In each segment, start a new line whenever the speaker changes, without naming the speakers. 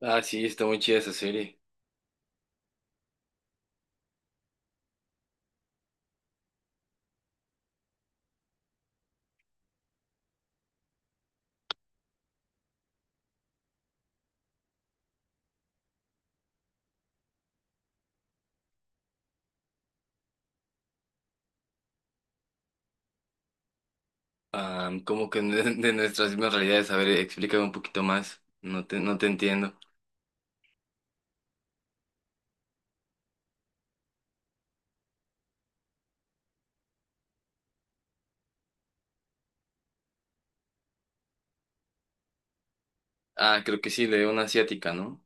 Ah, sí, está muy chida esa serie. Ah, como que de, de nuestras mismas realidades. A ver, explícame un poquito más. No te entiendo. Ah, creo que sí, de una asiática, ¿no?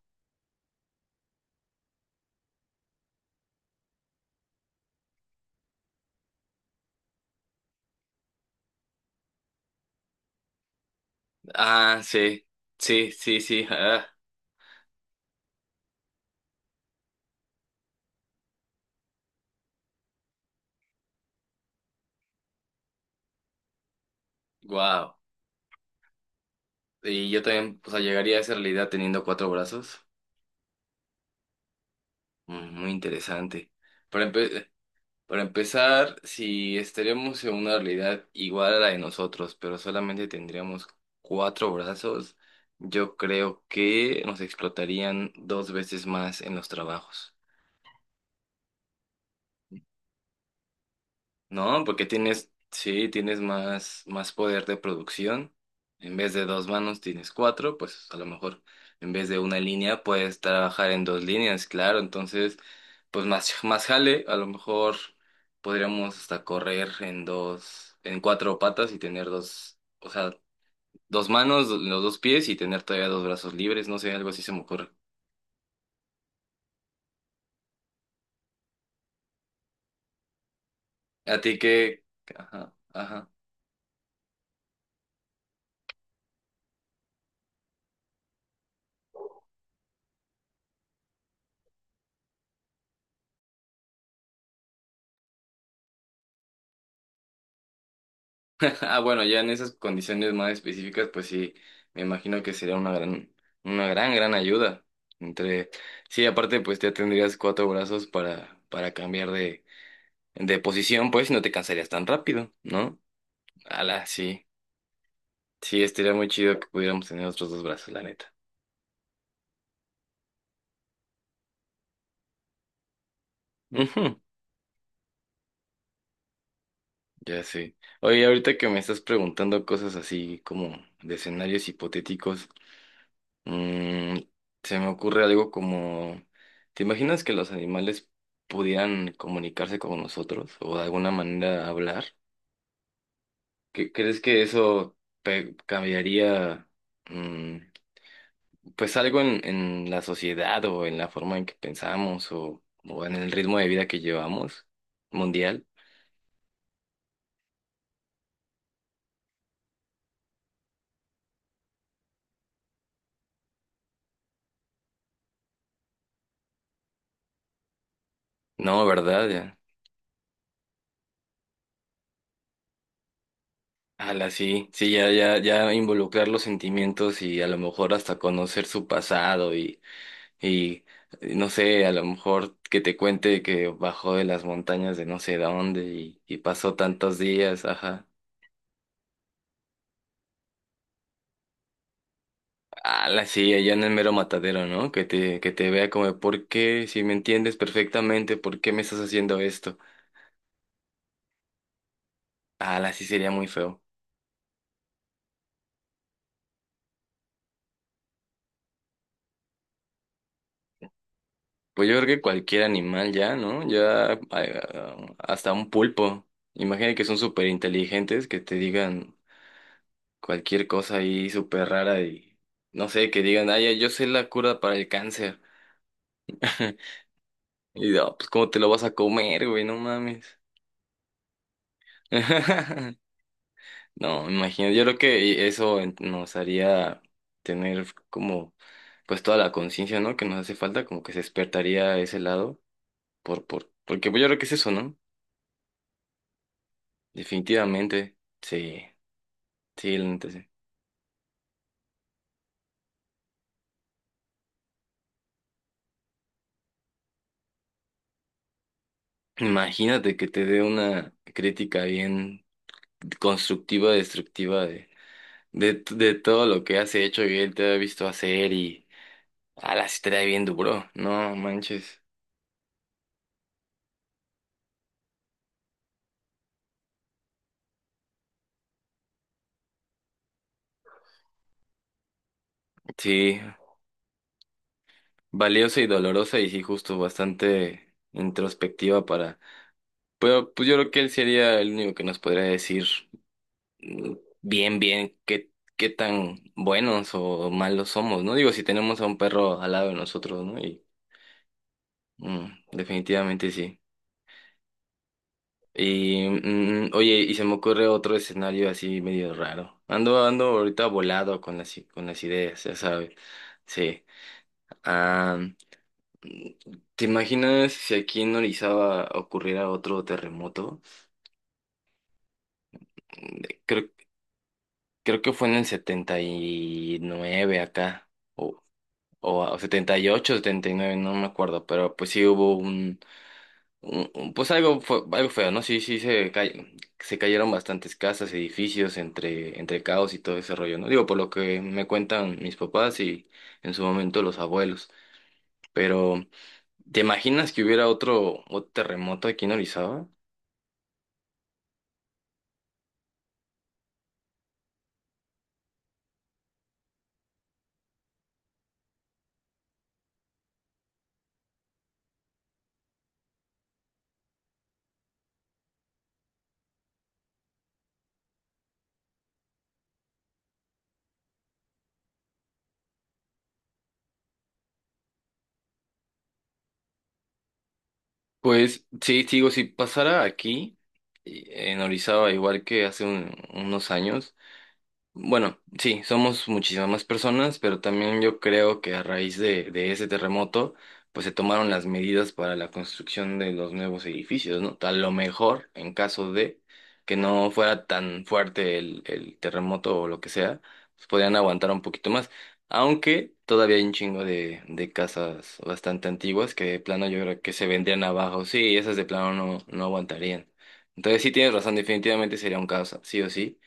Ah, sí. Sí, sí, sí. Ah, wow. Y yo también, o sea, llegaría a esa realidad teniendo cuatro brazos. Mm, muy interesante. Pero, para empezar, si estaríamos en una realidad igual a la de nosotros, pero solamente tendríamos cuatro brazos, yo creo que nos explotarían dos veces más en los trabajos. No, porque tienes, sí, tienes más, más poder de producción. En vez de dos manos tienes cuatro, pues a lo mejor en vez de una línea puedes trabajar en dos líneas, claro. Entonces, pues más, más jale, a lo mejor podríamos hasta correr en dos, en cuatro patas y tener dos, o sea, dos manos, los dos pies y tener todavía dos brazos libres, no sé, algo así se me ocurre. ¿A ti qué? Ajá, ajá. Ah, bueno, ya en esas condiciones más específicas, pues sí, me imagino que sería una gran, gran ayuda. Entre, sí, aparte, pues ya tendrías cuatro brazos para cambiar de posición, pues, y no te cansarías tan rápido, ¿no? Ala, sí, sí, estaría muy chido que pudiéramos tener otros dos brazos, la neta. Ujú, ya sé. Oye, ahorita que me estás preguntando cosas así como de escenarios hipotéticos. Mm, se me ocurre algo como, ¿te imaginas que los animales pudieran comunicarse con nosotros o de alguna manera hablar? ¿Qué- ¿Crees que eso cambiaría, mm, pues algo en la sociedad o en la forma en que pensamos o en el ritmo de vida que llevamos mundial? No, ¿verdad? Ya. Ala, sí, sí, ya, ya, ya involucrar los sentimientos y a lo mejor hasta conocer su pasado. Y no sé, a lo mejor que te cuente que bajó de las montañas de no sé dónde y pasó tantos días, ajá. Ah, la sí, allá en el mero matadero, ¿no? Que te vea como, ¿por qué? Si me entiendes perfectamente, ¿por qué me estás haciendo esto? Ah, la sí sería muy feo. Pues yo creo que cualquier animal ya, ¿no? Ya ah, hasta un pulpo. Imagina que son súper inteligentes, que te digan cualquier cosa ahí súper rara y no sé, que digan, ay, yo sé la cura para el cáncer. Y no, pues cómo te lo vas a comer, güey, no mames. No, me imagino, yo creo que nos haría tener como pues toda la conciencia, ¿no? Que nos hace falta, como que se despertaría ese lado, porque pues, yo creo que es eso, ¿no? Definitivamente. Sí. Sí, la neta sí. Imagínate que te dé una crítica bien constructiva, destructiva de todo lo que has hecho y él te ha visto hacer. Y ala, sí te da bien duro, no manches. Sí, valiosa y dolorosa y sí, justo bastante introspectiva para... Pero pues yo creo que él sería el único que nos podría decir mm, bien, bien, qué, qué tan buenos o malos somos, ¿no? Digo, si tenemos a un perro al lado de nosotros, ¿no? Y mm, definitivamente sí. Y mm, oye, y se me ocurre otro escenario así medio raro. Ando, ando ahorita volado con las, con las ideas, ya sabes. Sí. ¿Te imaginas si aquí en Orizaba ocurriera otro terremoto? Creo, creo que fue en el 79 acá, o, o 78, 79, no me acuerdo, pero pues sí hubo un, pues algo, fue, algo feo, ¿no? Sí, sí, se cayeron bastantes casas, edificios, entre, entre caos y todo ese rollo, ¿no? Digo, por lo que me cuentan mis papás y en su momento los abuelos, pero ¿te imaginas que hubiera otro, otro terremoto aquí en Orizaba? Pues sí, te digo, si pasara aquí, en Orizaba, igual que hace unos años, bueno, sí, somos muchísimas más personas, pero también yo creo que a raíz de ese terremoto, pues se tomaron las medidas para la construcción de los nuevos edificios, ¿no? A lo mejor, en caso de que no fuera tan fuerte el terremoto o lo que sea, pues podrían aguantar un poquito más. Aunque todavía hay un chingo de casas bastante antiguas que de plano yo creo que se vendrían abajo. Sí, esas de plano no, no aguantarían. Entonces sí tienes razón, definitivamente sería un caos, sí o sí.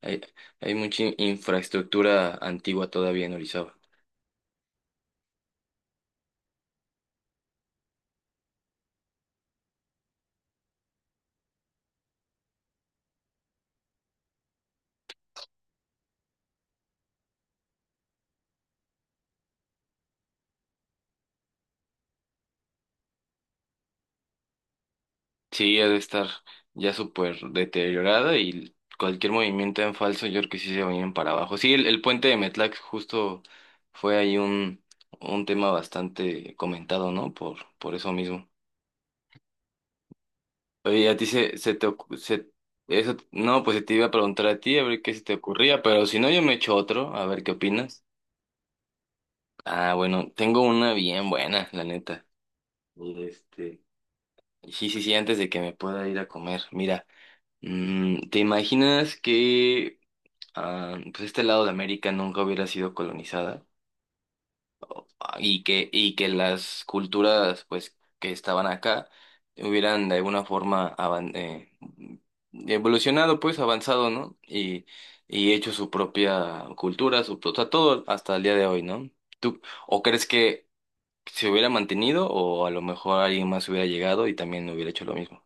Hay, hay mucha infraestructura antigua todavía en Orizaba. Sí, ha de estar ya súper deteriorada y cualquier movimiento en falso, yo creo que sí se vienen para abajo. Sí, el puente de Metlax justo fue ahí un tema bastante comentado, ¿no? Por eso mismo. Oye, a ti se, se te ocu- se, eso, no, pues te iba a preguntar a ti a ver qué se te ocurría, pero si no, yo me echo otro, a ver qué opinas. Ah, bueno, tengo una bien buena, la neta. Este. Sí, sí, sí, antes de que me pueda ir a comer. Mira, mm, ¿te imaginas que ah, pues este lado de América nunca hubiera sido colonizada? Ah, y que, y que las culturas pues que estaban acá hubieran de alguna forma evolucionado, pues avanzado, ¿no? Y hecho su propia cultura, su, o sea, todo hasta el día de hoy, ¿no? ¿Tú, o crees que se hubiera mantenido o a lo mejor alguien más hubiera llegado y también hubiera hecho lo mismo?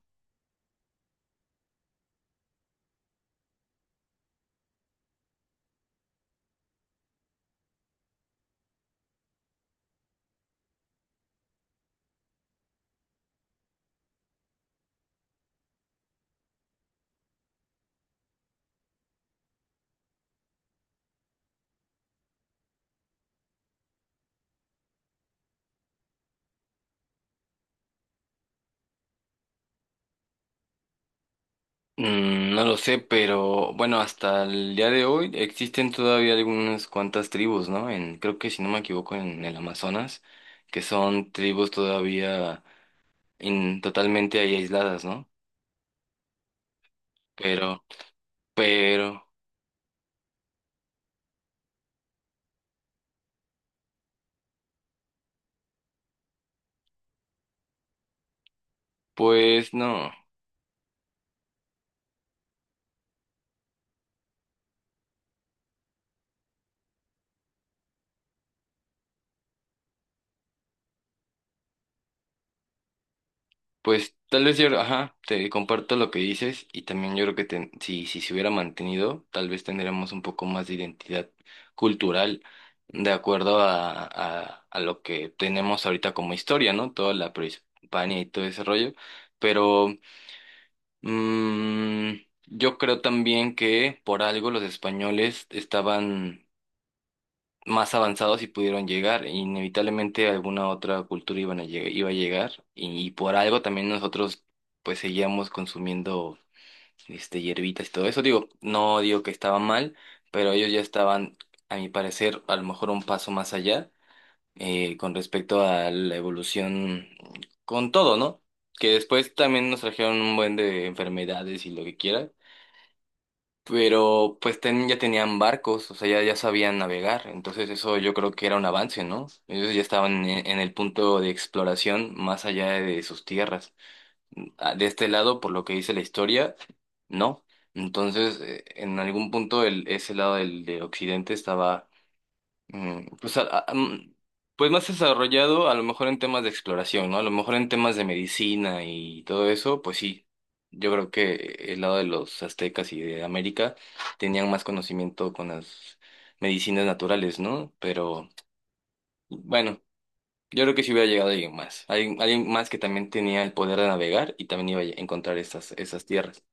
Mm, no lo sé, pero bueno, hasta el día de hoy existen todavía algunas cuantas tribus, ¿no? En, creo que si no me equivoco, en el Amazonas, que son tribus todavía totalmente ahí aisladas, ¿no? Pero, pero, pues no. Pues tal vez yo, ajá, te comparto lo que dices y también yo creo que si, si se hubiera mantenido, tal vez tendríamos un poco más de identidad cultural de acuerdo a, a lo que tenemos ahorita como historia, ¿no? Toda la prehispania y todo ese rollo. Pero mm, yo creo también que por algo los españoles estaban más avanzados y pudieron llegar. Inevitablemente alguna otra cultura iba a llegar y por algo también nosotros pues seguíamos consumiendo este hierbitas y todo eso. Digo, no digo que estaba mal, pero ellos ya estaban, a mi parecer, a lo mejor un paso más allá, con respecto a la evolución con todo, ¿no? Que después también nos trajeron un buen de enfermedades y lo que quiera, pero pues ya tenían barcos, o sea, ya, ya sabían navegar, entonces eso yo creo que era un avance, ¿no? Ellos ya estaban en el punto de exploración más allá de sus tierras. Ah, de este lado, por lo que dice la historia, no. Entonces, en algún punto el, ese lado del, de Occidente estaba, mm, pues, a- mm, pues más desarrollado a lo mejor en temas de exploración, ¿no? A lo mejor en temas de medicina y todo eso, pues sí. Yo creo que el lado de los aztecas y de América tenían más conocimiento con las medicinas naturales, ¿no? Pero bueno, yo creo que sí hubiera llegado alguien más. Alguien, alguien más que también tenía el poder de navegar y también iba a encontrar esas, esas tierras.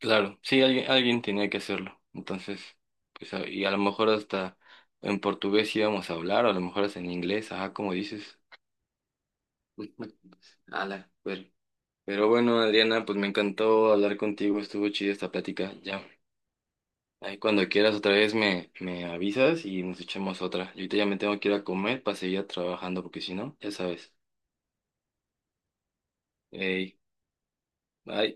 Claro, sí, alguien, alguien tenía que hacerlo. Entonces, pues, y a lo mejor hasta en portugués íbamos a hablar, o a lo mejor hasta en inglés, ajá, como dices. Ala, pero bueno, Adriana, pues me encantó hablar contigo, estuvo chida esta plática. Ya, ahí cuando quieras otra vez me, me avisas y nos echamos otra. Yo ahorita ya me tengo que ir a comer para seguir trabajando, porque si no, ya sabes. Ey, bye.